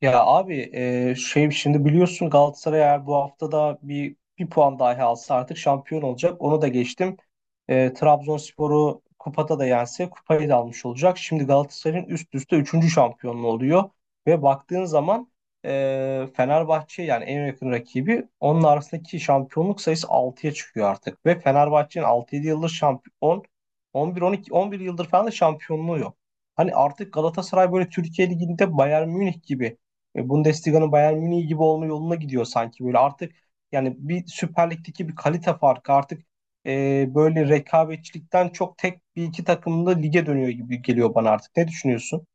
Ya abi, şimdi biliyorsun Galatasaray eğer bu hafta da bir puan dahi alsa artık şampiyon olacak. Onu da geçtim. Trabzonspor'u kupada da yense kupayı da almış olacak. Şimdi Galatasaray'ın üst üste üçüncü şampiyonluğu oluyor. Ve baktığın zaman Fenerbahçe, yani en yakın rakibi, onun arasındaki şampiyonluk sayısı altıya çıkıyor artık. Ve Fenerbahçe'nin altı 7 yıldır şampiyon, 11 yıldır falan da şampiyonluğu yok. Hani artık Galatasaray böyle Türkiye Ligi'nde Bayern Münih gibi, Bundesliga'nın Bayern Münih gibi olma yoluna gidiyor sanki böyle artık. Yani bir Süper Lig'deki bir kalite farkı artık böyle rekabetçilikten çok tek bir iki takımda lige dönüyor gibi geliyor bana artık. Ne düşünüyorsun?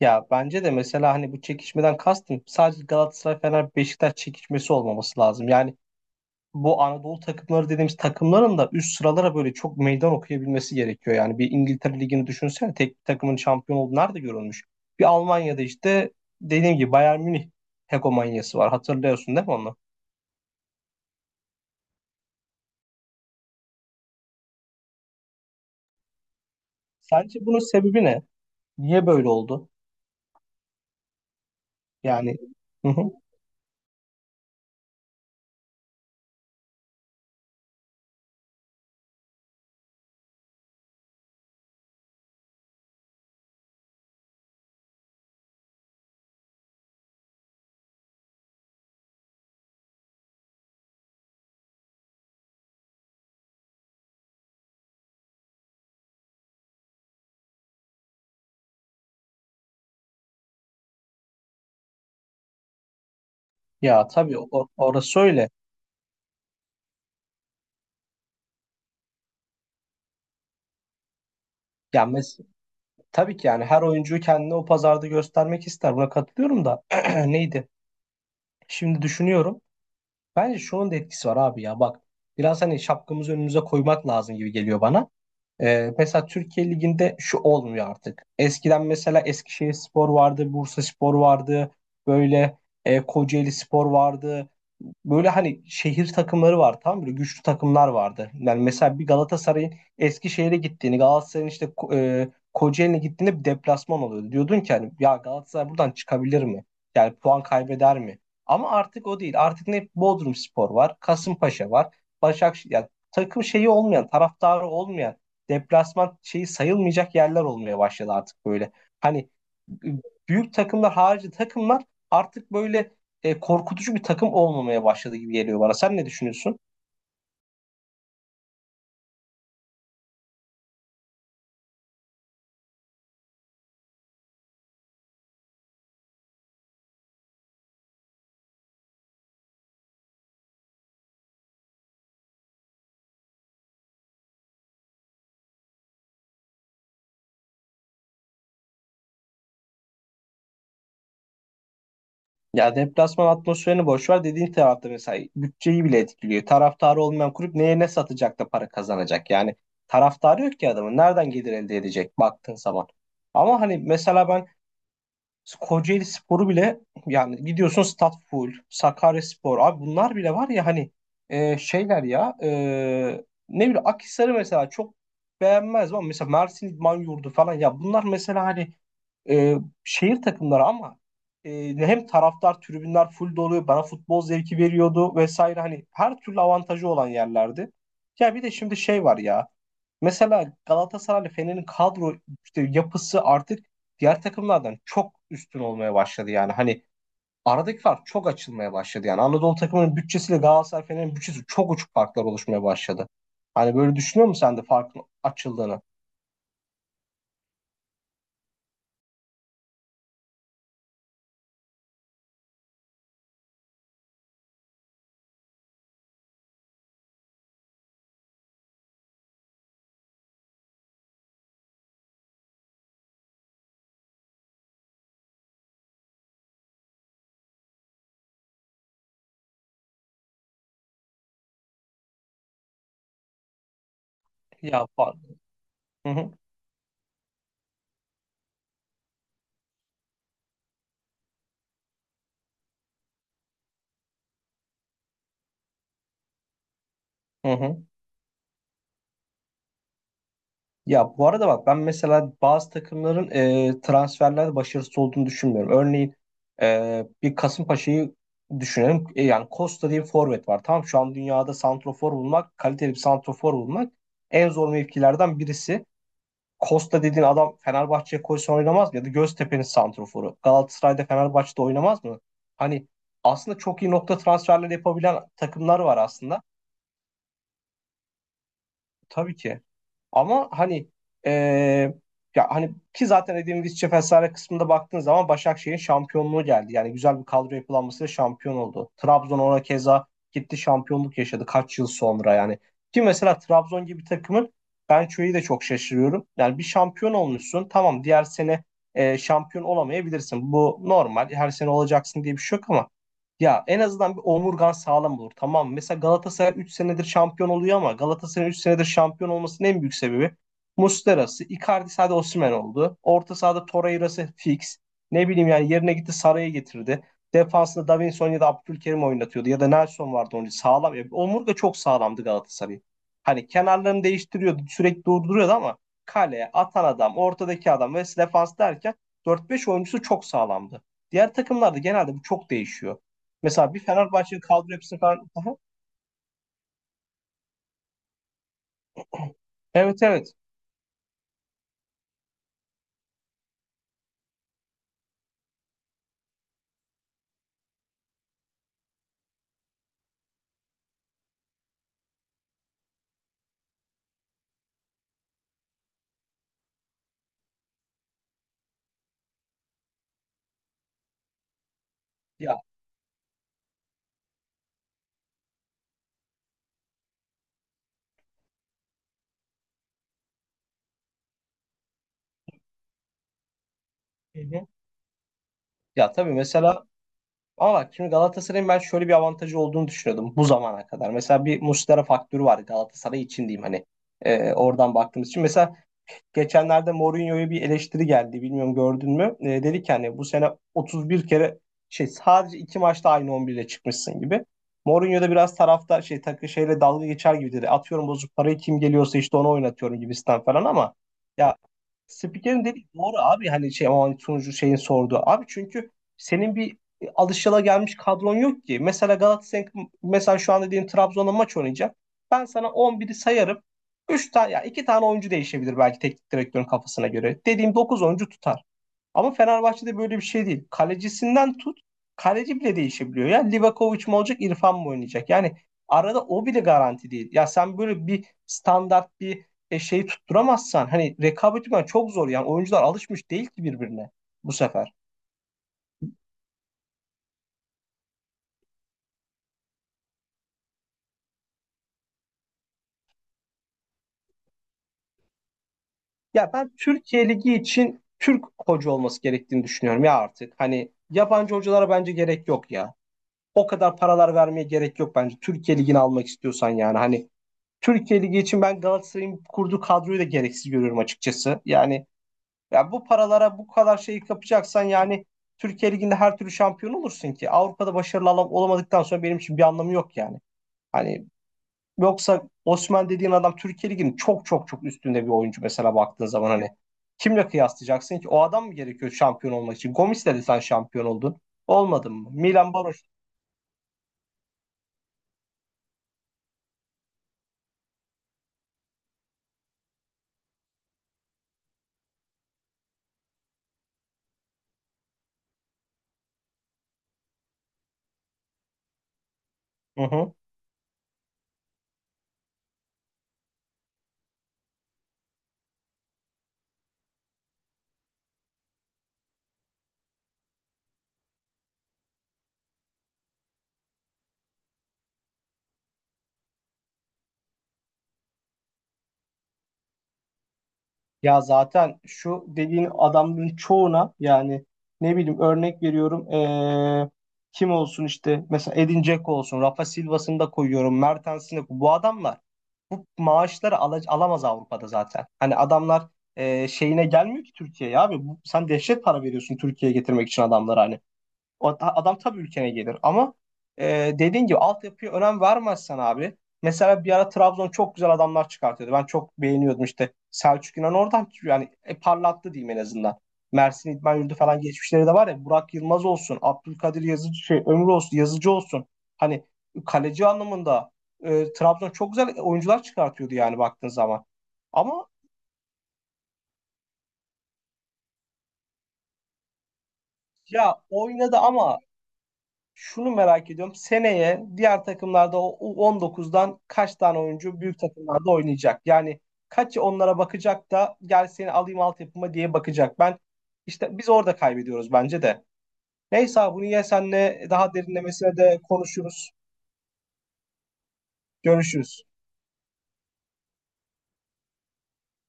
Ya bence de mesela hani bu çekişmeden kastım sadece Galatasaray Fener Beşiktaş çekişmesi olmaması lazım. Yani bu Anadolu takımları dediğimiz takımların da üst sıralara böyle çok meydan okuyabilmesi gerekiyor. Yani bir İngiltere Ligi'ni düşünsene, tek bir takımın şampiyon olduğu nerede görülmüş? Bir Almanya'da işte dediğim gibi Bayern Münih hegemonyası var. Hatırlıyorsun değil mi onu? Sence bunun sebebi ne? Niye böyle oldu? Yani, hı hı. Ya tabii, orası öyle. Ya mes Tabii ki, yani her oyuncuyu kendine o pazarda göstermek ister. Buna katılıyorum da neydi? Şimdi düşünüyorum. Bence şunun da etkisi var abi, ya bak. Biraz hani şapkamızı önümüze koymak lazım gibi geliyor bana. Mesela Türkiye Ligi'nde şu olmuyor artık. Eskiden mesela Eskişehirspor vardı, Bursaspor vardı, böyle Kocaelispor vardı. Böyle hani şehir takımları var, tamam mı? Böyle güçlü takımlar vardı. Yani mesela bir Galatasaray'ın Eskişehir'e gittiğini, Galatasaray'ın işte Kocaeli'ne gittiğinde bir deplasman oluyordu. Diyordun ki hani, ya Galatasaray buradan çıkabilir mi? Yani puan kaybeder mi? Ama artık o değil. Artık ne Bodrumspor var, Kasımpaşa var, Başakşehir, yani takım şeyi olmayan, taraftarı olmayan, deplasman şeyi sayılmayacak yerler olmaya başladı artık böyle. Hani büyük takımlar harici takımlar artık böyle korkutucu bir takım olmamaya başladı gibi geliyor bana. Sen ne düşünüyorsun? Ya deplasman atmosferini boş ver, dediğin tarafta mesela bütçeyi bile etkiliyor. Taraftarı olmayan kulüp neye ne satacak da para kazanacak? Yani taraftarı yok ki adamın. Nereden gelir elde edecek baktığın zaman? Ama hani mesela ben Kocaeli Sporu bile, yani gidiyorsun Stat Full, Sakarya, abi bunlar bile var ya hani. e, şeyler ya e, Ne bileyim, Akhisar'ı mesela çok beğenmez ama mesela Mersin İdman Yurdu falan, ya bunlar mesela hani e, şehir takımları ama hem taraftar, tribünler full doluyor. Bana futbol zevki veriyordu vesaire. Hani her türlü avantajı olan yerlerdi. Ya bir de şimdi şey var ya. Mesela Galatasaray'la Fener'in kadro işte yapısı artık diğer takımlardan çok üstün olmaya başladı yani. Hani aradaki fark çok açılmaya başladı yani. Anadolu takımının bütçesiyle Galatasaray Fener'in bütçesi çok uçuk farklar oluşmaya başladı. Hani böyle düşünüyor musun sen de farkın açıldığını? Ya fark. Hı hı, hı hı. Ya bu arada bak, ben mesela bazı takımların transferlerde başarısız olduğunu düşünmüyorum. Örneğin bir Kasımpaşa'yı düşünelim. E, yani Costa diye bir forvet var. Tamam, şu an dünyada santrofor bulmak, kaliteli bir santrofor bulmak en zor mevkilerden birisi. Costa dediğin adam Fenerbahçe'ye koysa oynamaz mı? Ya da Göztepe'nin santroforu Galatasaray'da, Fenerbahçe'de oynamaz mı? Hani aslında çok iyi nokta transferleri yapabilen takımlar var aslında. Tabii ki. Ama hani eee, ya hani ki zaten dediğim İsviçre Fesare kısmında baktığın zaman Başakşehir'in şampiyonluğu geldi. Yani güzel bir kadro yapılanmasıyla şampiyon oldu. Trabzon ona keza gitti, şampiyonluk yaşadı kaç yıl sonra yani. Ki mesela Trabzon gibi takımın, ben şöyle de çok şaşırıyorum. Yani bir şampiyon olmuşsun, tamam, diğer sene şampiyon olamayabilirsin. Bu normal, her sene olacaksın diye bir şey yok ama ya en azından bir omurgan sağlam olur. Tamam. Mesela Galatasaray 3 senedir şampiyon oluyor ama Galatasaray'ın 3 senedir şampiyon olmasının en büyük sebebi Muslera'sı, Icardi, hadi Osimhen oldu. Orta sahada Torreira'sı fix. Ne bileyim yani, yerine gitti Saray'ı getirdi. Defansında Davinson ya da Abdülkerim oynatıyordu ya da Nelson vardı önce, sağlam. Ya, omurga çok sağlamdı Galatasaray'ın. Hani kenarlarını değiştiriyordu, sürekli durduruyordu ama kaleye atan adam, ortadaki adam ve defans derken dört beş oyuncusu çok sağlamdı. Diğer takımlarda genelde bu çok değişiyor. Mesela bir Fenerbahçe'nin kadro hepsini falan. Aha, evet evet. Ya, hı hı. ya tabii mesela Ama bak şimdi Galatasaray'ın ben şöyle bir avantajı olduğunu düşünüyordum bu zamana kadar. Mesela bir Muslera faktörü var Galatasaray için diyeyim hani. Oradan baktığımız için. Mesela geçenlerde Mourinho'ya bir eleştiri geldi. Bilmiyorum, gördün mü? Dedi ki hani, bu sene 31 kere sadece 2 maçta aynı 11 ile çıkmışsın gibi. Mourinho da biraz tarafta şey takı şeyle dalga geçer gibi dedi. Atıyorum, bozuk parayı kim geliyorsa işte onu oynatıyorum gibisinden falan ama ya spikerin dediği doğru abi, hani şey, ama hani sunucu şeyin sorduğu. Abi çünkü senin bir alışılagelmiş kadron yok ki. Mesela Galatasaray, mesela şu an dediğin Trabzon'a maç oynayacak. Ben sana 11'i sayarım. Üç tane ya 2 tane oyuncu değişebilir belki teknik direktörün kafasına göre. Dediğim 9 oyuncu tutar. Ama Fenerbahçe'de böyle bir şey değil. Kalecisinden tut, kaleci bile değişebiliyor. Ya Livakovic mi olacak, İrfan mı oynayacak? Yani arada o bile garanti değil. Ya sen böyle bir standart bir şey tutturamazsan hani rekabet etmen çok zor. Yani oyuncular alışmış değil ki birbirine bu sefer. Ya ben Türkiye Ligi için Türk hoca olması gerektiğini düşünüyorum ya artık. Hani yabancı hocalara bence gerek yok ya. O kadar paralar vermeye gerek yok bence. Türkiye Ligi'ni almak istiyorsan yani hani, Türkiye Ligi için ben Galatasaray'ın kurduğu kadroyu da gereksiz görüyorum açıkçası. Yani ya bu paralara bu kadar şeyi kapacaksan yani Türkiye Ligi'nde her türlü şampiyon olursun ki. Avrupa'da başarılı olamadıktan sonra benim için bir anlamı yok yani. Hani yoksa Osman dediğin adam Türkiye Ligi'nin çok çok çok üstünde bir oyuncu mesela baktığın zaman hani. Kimle kıyaslayacaksın ki? O adam mı gerekiyor şampiyon olmak için? Gomis'le de sen şampiyon oldun. Olmadın mı? Milan Baroş. Hı hı. Ya zaten şu dediğin adamların çoğuna yani ne bileyim örnek veriyorum kim olsun işte, mesela Edin Dzeko olsun, Rafa Silva'sını da koyuyorum, Mertens'ini, bu adamlar bu maaşları alamaz Avrupa'da zaten. Hani adamlar şeyine gelmiyor ki Türkiye'ye abi bu, sen dehşet para veriyorsun Türkiye'ye getirmek için adamlara hani. Adam tabii ülkene gelir ama dediğin gibi altyapıya önem vermezsen abi. Mesela bir ara Trabzon çok güzel adamlar çıkartıyordu. Ben çok beğeniyordum işte. Selçuk İnan oradan yani parlattı diyeyim en azından. Mersin İdman Yurdu falan geçmişleri de var ya. Burak Yılmaz olsun, Abdülkadir Yazıcı, şey, Ömür olsun, Yazıcı olsun. Hani kaleci anlamında Trabzon çok güzel oyuncular çıkartıyordu yani baktığın zaman. Ama ya oynadı ama, şunu merak ediyorum. Seneye diğer takımlarda o U19'dan kaç tane oyuncu büyük takımlarda oynayacak? Yani kaç onlara bakacak da gel seni alayım altyapıma diye bakacak. Ben, işte biz orada kaybediyoruz bence de. Neyse abi bunu ya senle daha derinlemesine de konuşuruz. Görüşürüz.